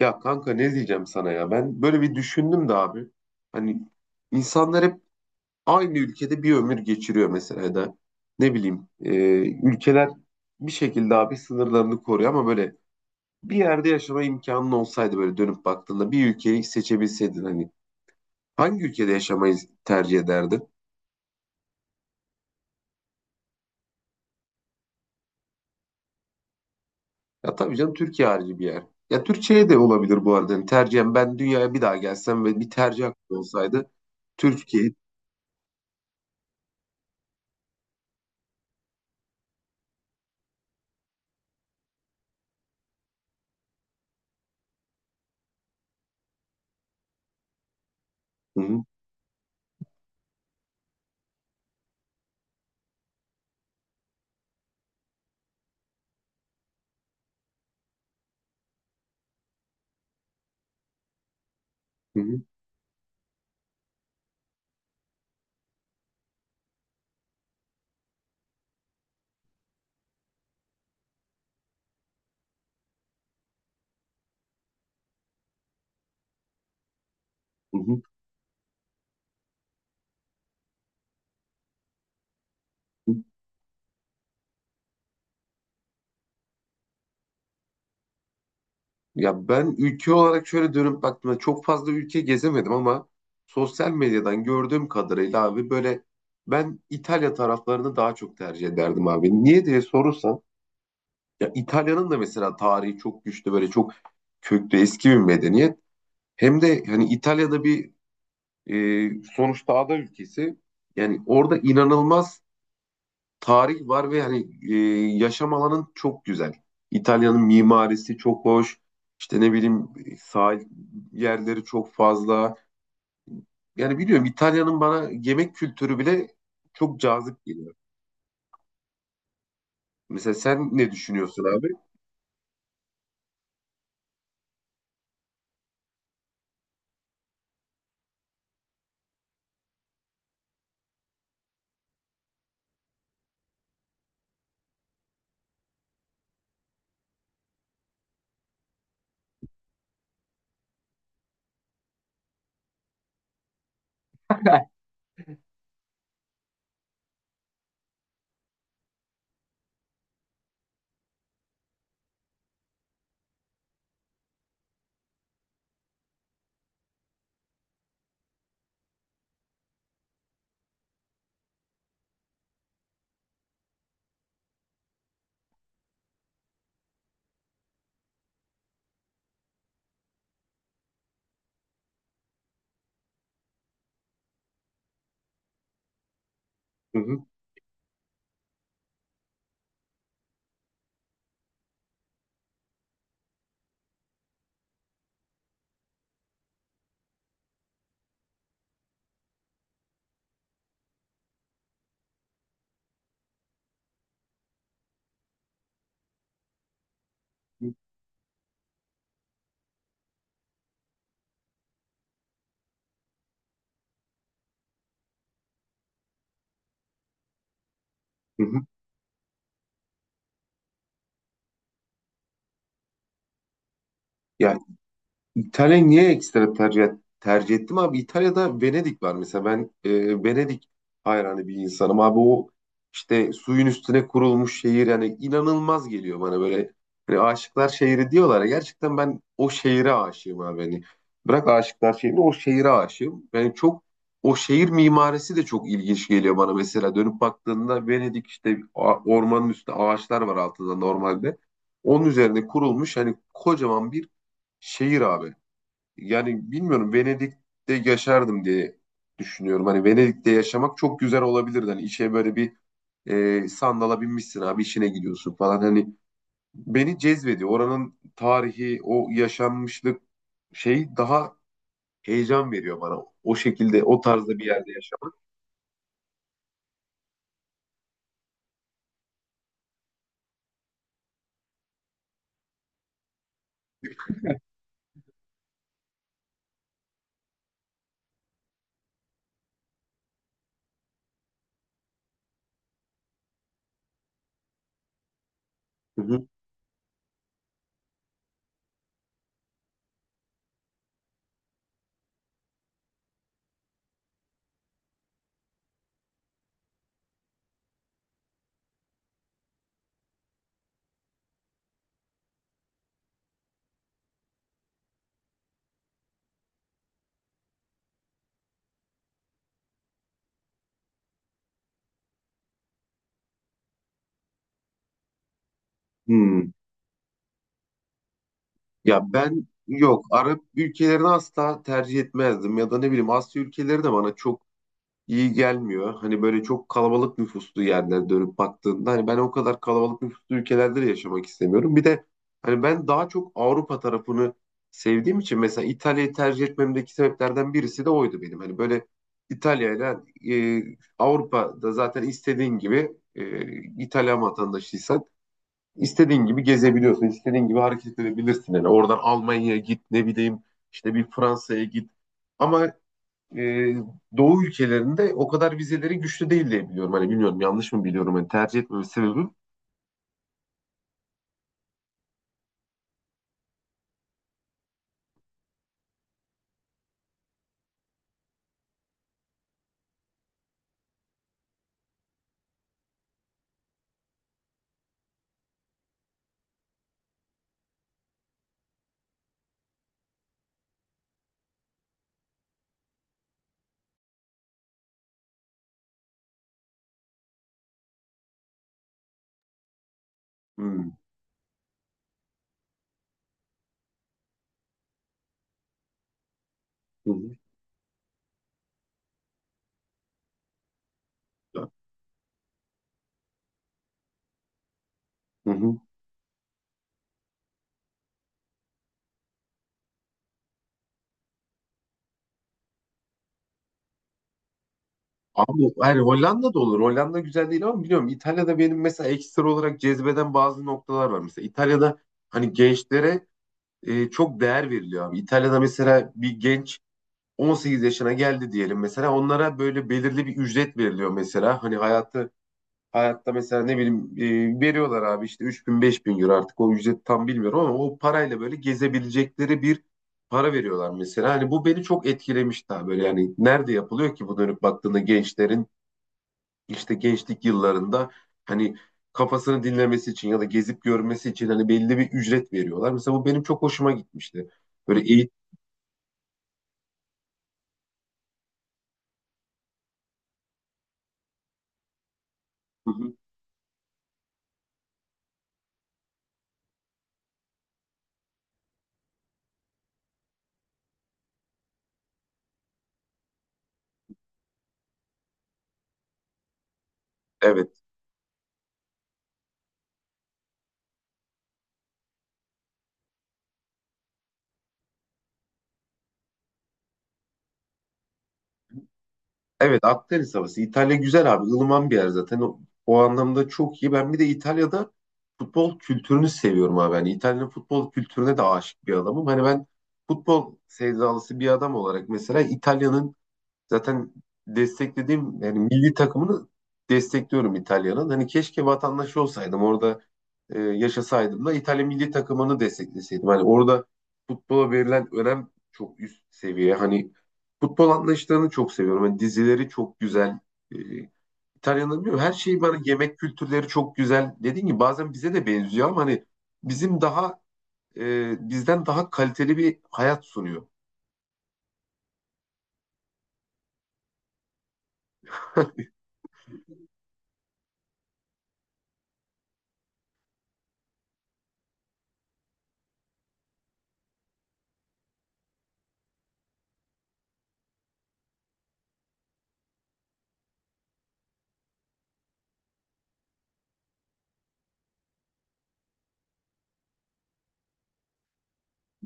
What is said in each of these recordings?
Ya kanka ne diyeceğim sana ya? Ben böyle bir düşündüm de abi. Hani insanlar hep aynı ülkede bir ömür geçiriyor mesela ya da ne bileyim ülkeler bir şekilde abi sınırlarını koruyor ama böyle bir yerde yaşama imkanın olsaydı böyle dönüp baktığında bir ülkeyi seçebilseydin hani hangi ülkede yaşamayı tercih ederdin? Ya tabii canım Türkiye harici bir yer. Ya Türkiye de olabilir bu arada. Yani tercihen ben dünyaya bir daha gelsem ve bir tercih hakkı olsaydı Türkiye. Hı hı, hı hı, hı hı. Ya ben ülke olarak şöyle dönüp baktığımda çok fazla ülke gezemedim ama sosyal medyadan gördüğüm kadarıyla abi böyle ben İtalya taraflarını daha çok tercih ederdim abi. Niye diye sorursan ya İtalya'nın da mesela tarihi çok güçlü böyle çok köklü eski bir medeniyet. Hem de hani İtalya'da bir e, sonuçta ada ülkesi yani orada inanılmaz tarih var ve hani e, yaşam alanın çok güzel. İtalya'nın mimarisi çok hoş. İşte ne bileyim sahil yerleri çok fazla. Yani biliyorum İtalya'nın bana yemek kültürü bile çok cazip geliyor. Mesela sen ne düşünüyorsun abi? Hı hı, hı hı. Ya İtalya'yı niye ekstra tercih ettim abi? İtalya'da Venedik var mesela. Ben Venedik hayranı bir insanım abi. O işte suyun üstüne kurulmuş şehir yani inanılmaz geliyor bana böyle. Hani aşıklar şehri diyorlar ya. Gerçekten ben o şehire aşığım abi. Hani bırak aşıklar şehrini o şehire aşığım. Yani çok o şehir mimarisi de çok ilginç geliyor bana mesela. Dönüp baktığında Venedik işte ormanın üstü ağaçlar var altında normalde. Onun üzerine kurulmuş hani kocaman bir şehir abi yani bilmiyorum Venedik'te yaşardım diye düşünüyorum. Hani Venedik'te yaşamak çok güzel olabilirdi. Hani işe böyle bir sandala binmişsin abi işine gidiyorsun falan. Hani beni cezbediyor. Oranın tarihi, o yaşanmışlık şey daha heyecan veriyor bana. O şekilde, o tarzda bir yerde yaşamak. Hı hı. Hmm. Ya ben yok Arap ülkelerini asla tercih etmezdim ya da ne bileyim Asya ülkeleri de bana çok iyi gelmiyor. Hani böyle çok kalabalık nüfuslu yerlere dönüp baktığında hani ben o kadar kalabalık nüfuslu ülkelerde de yaşamak istemiyorum. Bir de hani ben daha çok Avrupa tarafını sevdiğim için mesela İtalya'yı tercih etmemdeki sebeplerden birisi de oydu benim. Hani böyle İtalya'yla e, Avrupa'da zaten istediğin gibi İtalyan vatandaşıysan istediğin gibi gezebiliyorsun, istediğin gibi hareket edebilirsin. Yani oradan Almanya'ya git, ne bileyim işte bir Fransa'ya git. Ama e, Doğu ülkelerinde o kadar vizeleri güçlü değil diye biliyorum. Hani bilmiyorum yanlış mı biliyorum. Hani tercih etmeme sebebim. Hmm. Hı hı. Hı hı. Ama yani Hollanda da olur. Hollanda güzel değil ama biliyorum İtalya'da benim mesela ekstra olarak cezbeden bazı noktalar var. Mesela İtalya'da hani gençlere çok değer veriliyor abi. İtalya'da mesela bir genç 18 yaşına geldi diyelim mesela onlara böyle belirli bir ücret veriliyor mesela. Hani hayatı Hayatta mesela ne bileyim veriyorlar abi işte 3000 bin euro artık o ücreti tam bilmiyorum ama o parayla böyle gezebilecekleri bir para veriyorlar mesela. Hani bu beni çok etkilemişti abi böyle yani nerede yapılıyor ki bu dönüp baktığında gençlerin işte gençlik yıllarında hani kafasını dinlemesi için ya da gezip görmesi için hani belli bir ücret veriyorlar. Mesela bu benim çok hoşuma gitmişti. Böyle eğitim, evet. Evet Akdeniz havası. İtalya güzel abi. Ilıman bir yer zaten. O, o anlamda çok iyi. Ben bir de İtalya'da futbol kültürünü seviyorum abi. Hani İtalya'nın futbol kültürüne de aşık bir adamım. Hani ben futbol sevdalısı bir adam olarak mesela İtalya'nın Zaten desteklediğim yani milli takımını destekliyorum İtalya'nın. Hani keşke vatandaşı olsaydım orada yaşasaydım da İtalya milli takımını destekleseydim. Hani orada futbola verilen önem çok üst seviye. Hani futbol anlayışlarını çok seviyorum. Hani dizileri çok güzel. E, İtalya'nın bilmiyorum her şeyi bana yemek kültürleri çok güzel. Dediğim gibi bazen bize de benziyor ama hani bizim daha bizden daha kaliteli bir hayat sunuyor.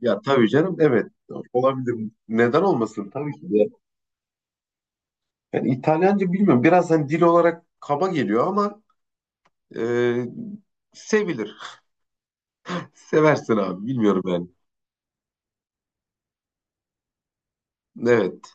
Ya tabii canım evet olabilir. Neden olmasın tabii ki de. Yani İtalyanca bilmiyorum. Biraz hani dil olarak kaba geliyor ama e, sevilir. Seversin abi bilmiyorum yani. Evet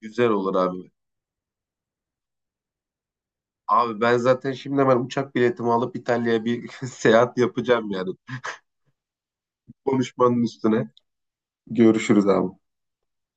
güzel olur abi. Abi ben zaten şimdi hemen uçak biletimi alıp İtalya'ya bir seyahat yapacağım yani. Konuşmanın üstüne. Görüşürüz abi.